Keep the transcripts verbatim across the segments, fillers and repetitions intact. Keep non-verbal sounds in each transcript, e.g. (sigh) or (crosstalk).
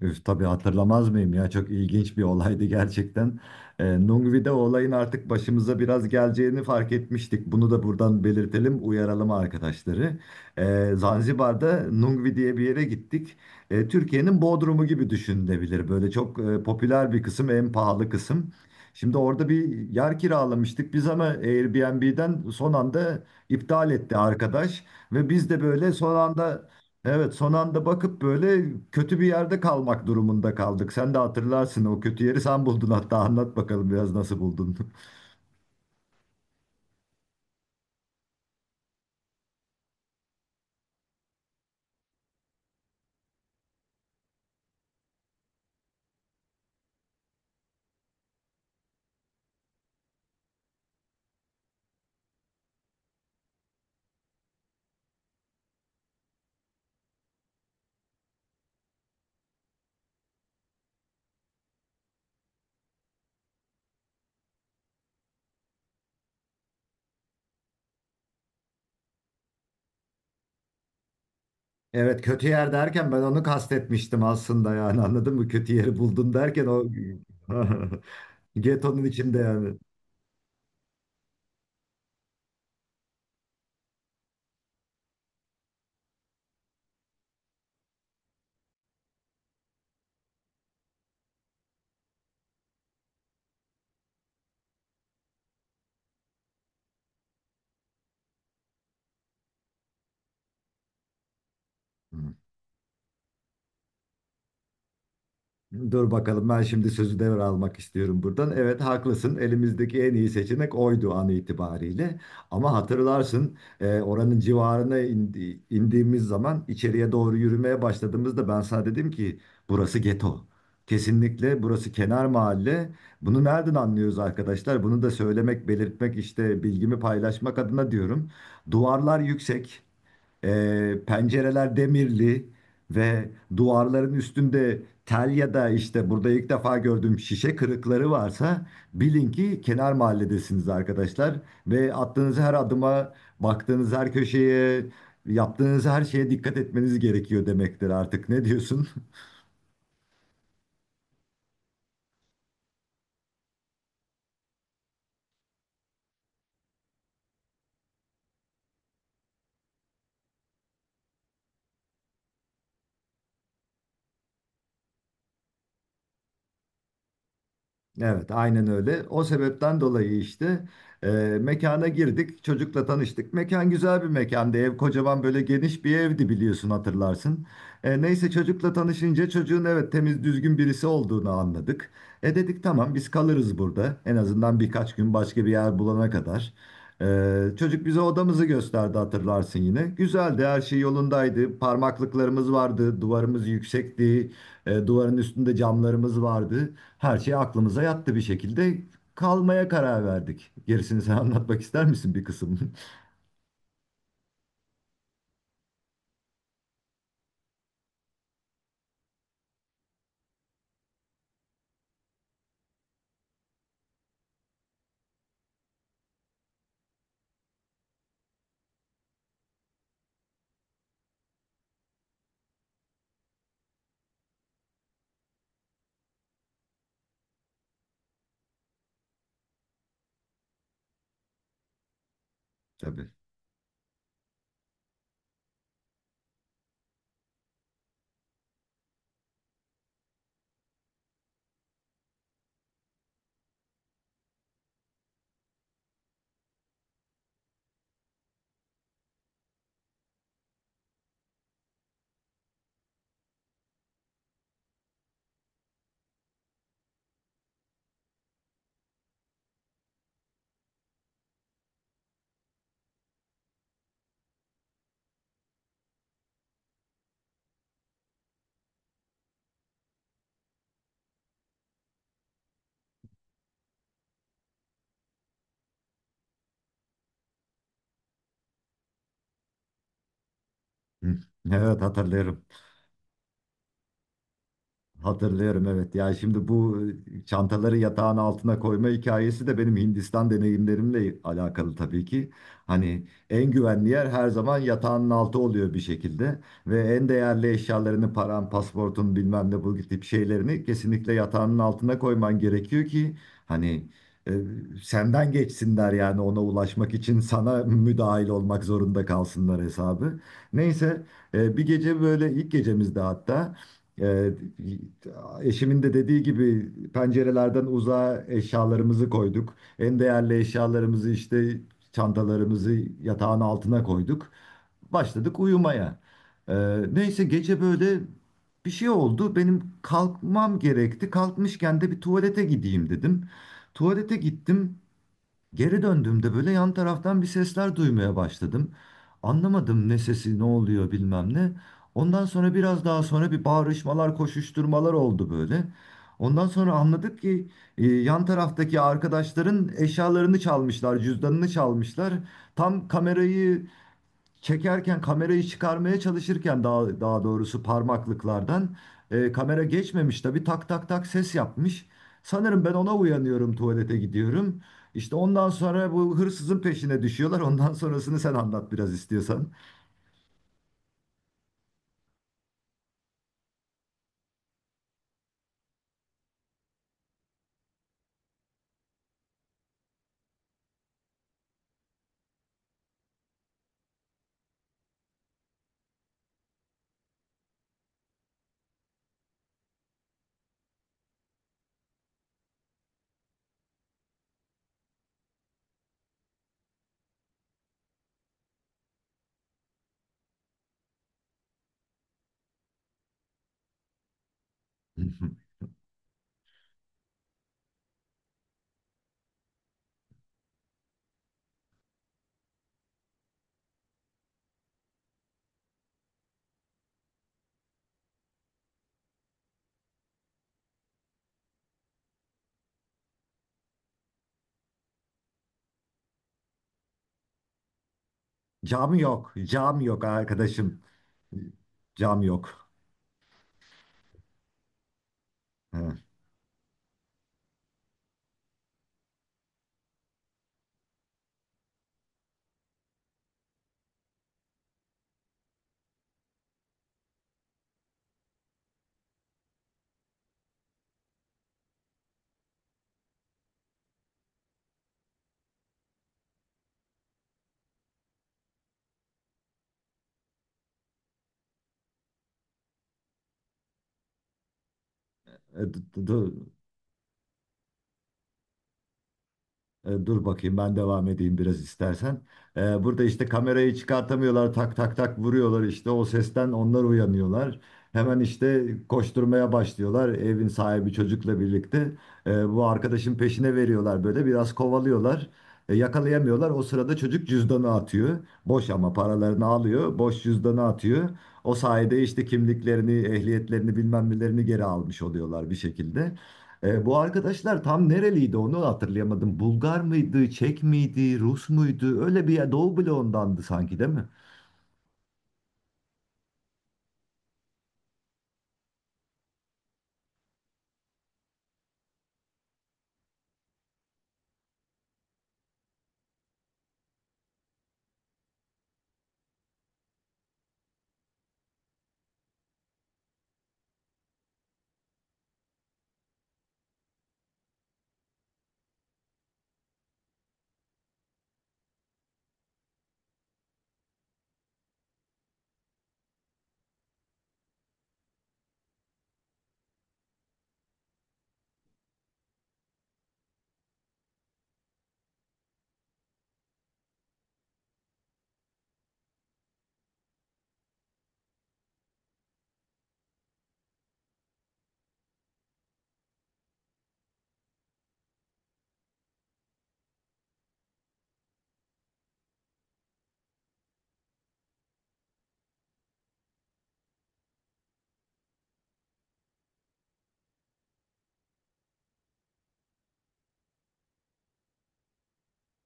Üf, tabii hatırlamaz mıyım ya, çok ilginç bir olaydı gerçekten. E, Nungvi'de o olayın artık başımıza biraz geleceğini fark etmiştik. Bunu da buradan belirtelim, uyaralım arkadaşları. E, Zanzibar'da Nungvi diye bir yere gittik. E, Türkiye'nin Bodrum'u gibi düşünülebilir. Böyle çok e, popüler bir kısım, en pahalı kısım. Şimdi orada bir yer kiralamıştık biz, ama Airbnb'den son anda iptal etti arkadaş. Ve biz de böyle son anda evet, son anda bakıp böyle kötü bir yerde kalmak durumunda kaldık. Sen de hatırlarsın o kötü yeri, sen buldun hatta, anlat bakalım biraz nasıl buldun. (laughs) Evet, kötü yer derken ben onu kastetmiştim aslında, yani anladın mı? Kötü yeri buldun derken o (laughs) getonun içinde yani. Dur bakalım, ben şimdi sözü devralmak istiyorum buradan. Evet haklısın, elimizdeki en iyi seçenek oydu an itibariyle. Ama hatırlarsın e, oranın civarına indi- indiğimiz zaman içeriye doğru yürümeye başladığımızda ben sana dedim ki burası geto. Kesinlikle burası kenar mahalle. Bunu nereden anlıyoruz arkadaşlar? Bunu da söylemek, belirtmek, işte bilgimi paylaşmak adına diyorum. Duvarlar yüksek. Ee, pencereler demirli ve duvarların üstünde tel ya da işte burada ilk defa gördüğüm şişe kırıkları varsa, bilin ki kenar mahalledesiniz arkadaşlar. Ve attığınız her adıma, baktığınız her köşeye, yaptığınız her şeye dikkat etmeniz gerekiyor demektir artık. Ne diyorsun? (laughs) Evet, aynen öyle. O sebepten dolayı işte e, mekana girdik, çocukla tanıştık. Mekan güzel bir mekandı. Ev kocaman, böyle geniş bir evdi, biliyorsun hatırlarsın. E, neyse, çocukla tanışınca çocuğun evet, temiz düzgün birisi olduğunu anladık. E dedik, tamam biz kalırız burada. En azından birkaç gün, başka bir yer bulana kadar. E, çocuk bize odamızı gösterdi, hatırlarsın yine. Güzeldi, her şey yolundaydı. Parmaklıklarımız vardı, duvarımız yüksekti, e, duvarın üstünde camlarımız vardı. Her şey aklımıza yattı bir şekilde, kalmaya karar verdik. Gerisini sen anlatmak ister misin bir kısım? (laughs) Tabii. Hı. Evet, hatırlıyorum. Hatırlıyorum, evet. Ya şimdi bu çantaları yatağın altına koyma hikayesi de benim Hindistan deneyimlerimle alakalı tabii ki. Hani en güvenli yer her zaman yatağın altı oluyor bir şekilde ve en değerli eşyalarını, paran, pasportun, bilmem ne, bu tip şeylerini kesinlikle yatağının altına koyman gerekiyor ki hani, e, senden geçsinler yani, ona ulaşmak için sana müdahil olmak zorunda kalsınlar hesabı. Neyse, e, bir gece böyle, ilk gecemizde hatta, ee, eşimin de dediği gibi pencerelerden uzağa eşyalarımızı koyduk. En değerli eşyalarımızı, işte çantalarımızı, yatağın altına koyduk. Başladık uyumaya. Ee, neyse, gece böyle bir şey oldu. Benim kalkmam gerekti. Kalkmışken de bir tuvalete gideyim dedim. Tuvalete gittim. Geri döndüğümde böyle yan taraftan bir sesler duymaya başladım. Anlamadım, ne sesi, ne oluyor, bilmem ne. Ondan sonra, biraz daha sonra, bir bağırışmalar, koşuşturmalar oldu böyle. Ondan sonra anladık ki e, yan taraftaki arkadaşların eşyalarını çalmışlar, cüzdanını çalmışlar. Tam kamerayı çekerken, kamerayı çıkarmaya çalışırken, daha daha doğrusu parmaklıklardan e, kamera geçmemiş tabii, tak tak tak ses yapmış. Sanırım ben ona uyanıyorum, tuvalete gidiyorum. İşte ondan sonra bu hırsızın peşine düşüyorlar. Ondan sonrasını sen anlat biraz, istiyorsan. (laughs) Cam yok, cam yok arkadaşım. Cam yok. Ha. E, d- d- d- E, Dur bakayım, ben devam edeyim biraz, istersen. E, burada işte kamerayı çıkartamıyorlar, tak tak tak vuruyorlar, işte o sesten onlar uyanıyorlar. Hemen işte koşturmaya başlıyorlar, evin sahibi çocukla birlikte. E, bu arkadaşın peşine veriyorlar, böyle biraz kovalıyorlar. E, yakalayamıyorlar, o sırada çocuk cüzdanı atıyor. Boş, ama paralarını alıyor, boş cüzdanı atıyor. O sayede işte kimliklerini, ehliyetlerini, bilmem nelerini geri almış oluyorlar bir şekilde. E, bu arkadaşlar tam nereliydi onu hatırlayamadım. Bulgar mıydı, Çek miydi, Rus muydu? Öyle bir yer, Doğu bloğundandı sanki, değil mi?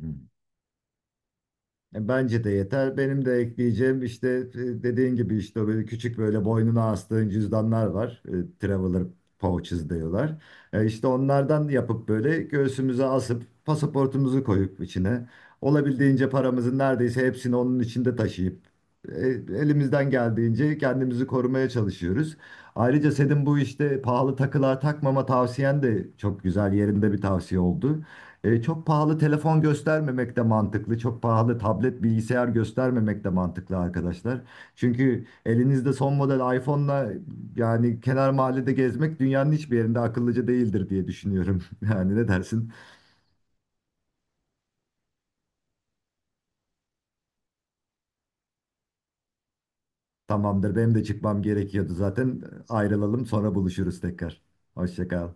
Hmm. E, Bence de yeter. Benim de ekleyeceğim işte, e, dediğin gibi, işte böyle küçük, böyle boynuna astığın cüzdanlar var. E, Traveler pouches diyorlar. E, İşte onlardan yapıp, böyle göğsümüze asıp, pasaportumuzu koyup içine, olabildiğince paramızın neredeyse hepsini onun içinde taşıyıp e, elimizden geldiğince kendimizi korumaya çalışıyoruz. Ayrıca senin bu işte pahalı takılar takmama tavsiyen de çok güzel, yerinde bir tavsiye oldu. E, çok pahalı telefon göstermemek de mantıklı. Çok pahalı tablet, bilgisayar göstermemek de mantıklı arkadaşlar. Çünkü elinizde son model iPhone'la yani kenar mahallede gezmek dünyanın hiçbir yerinde akıllıca değildir diye düşünüyorum. (laughs) Yani ne dersin? Tamamdır, benim de çıkmam gerekiyordu zaten. Ayrılalım, sonra buluşuruz tekrar. Hoşça kal.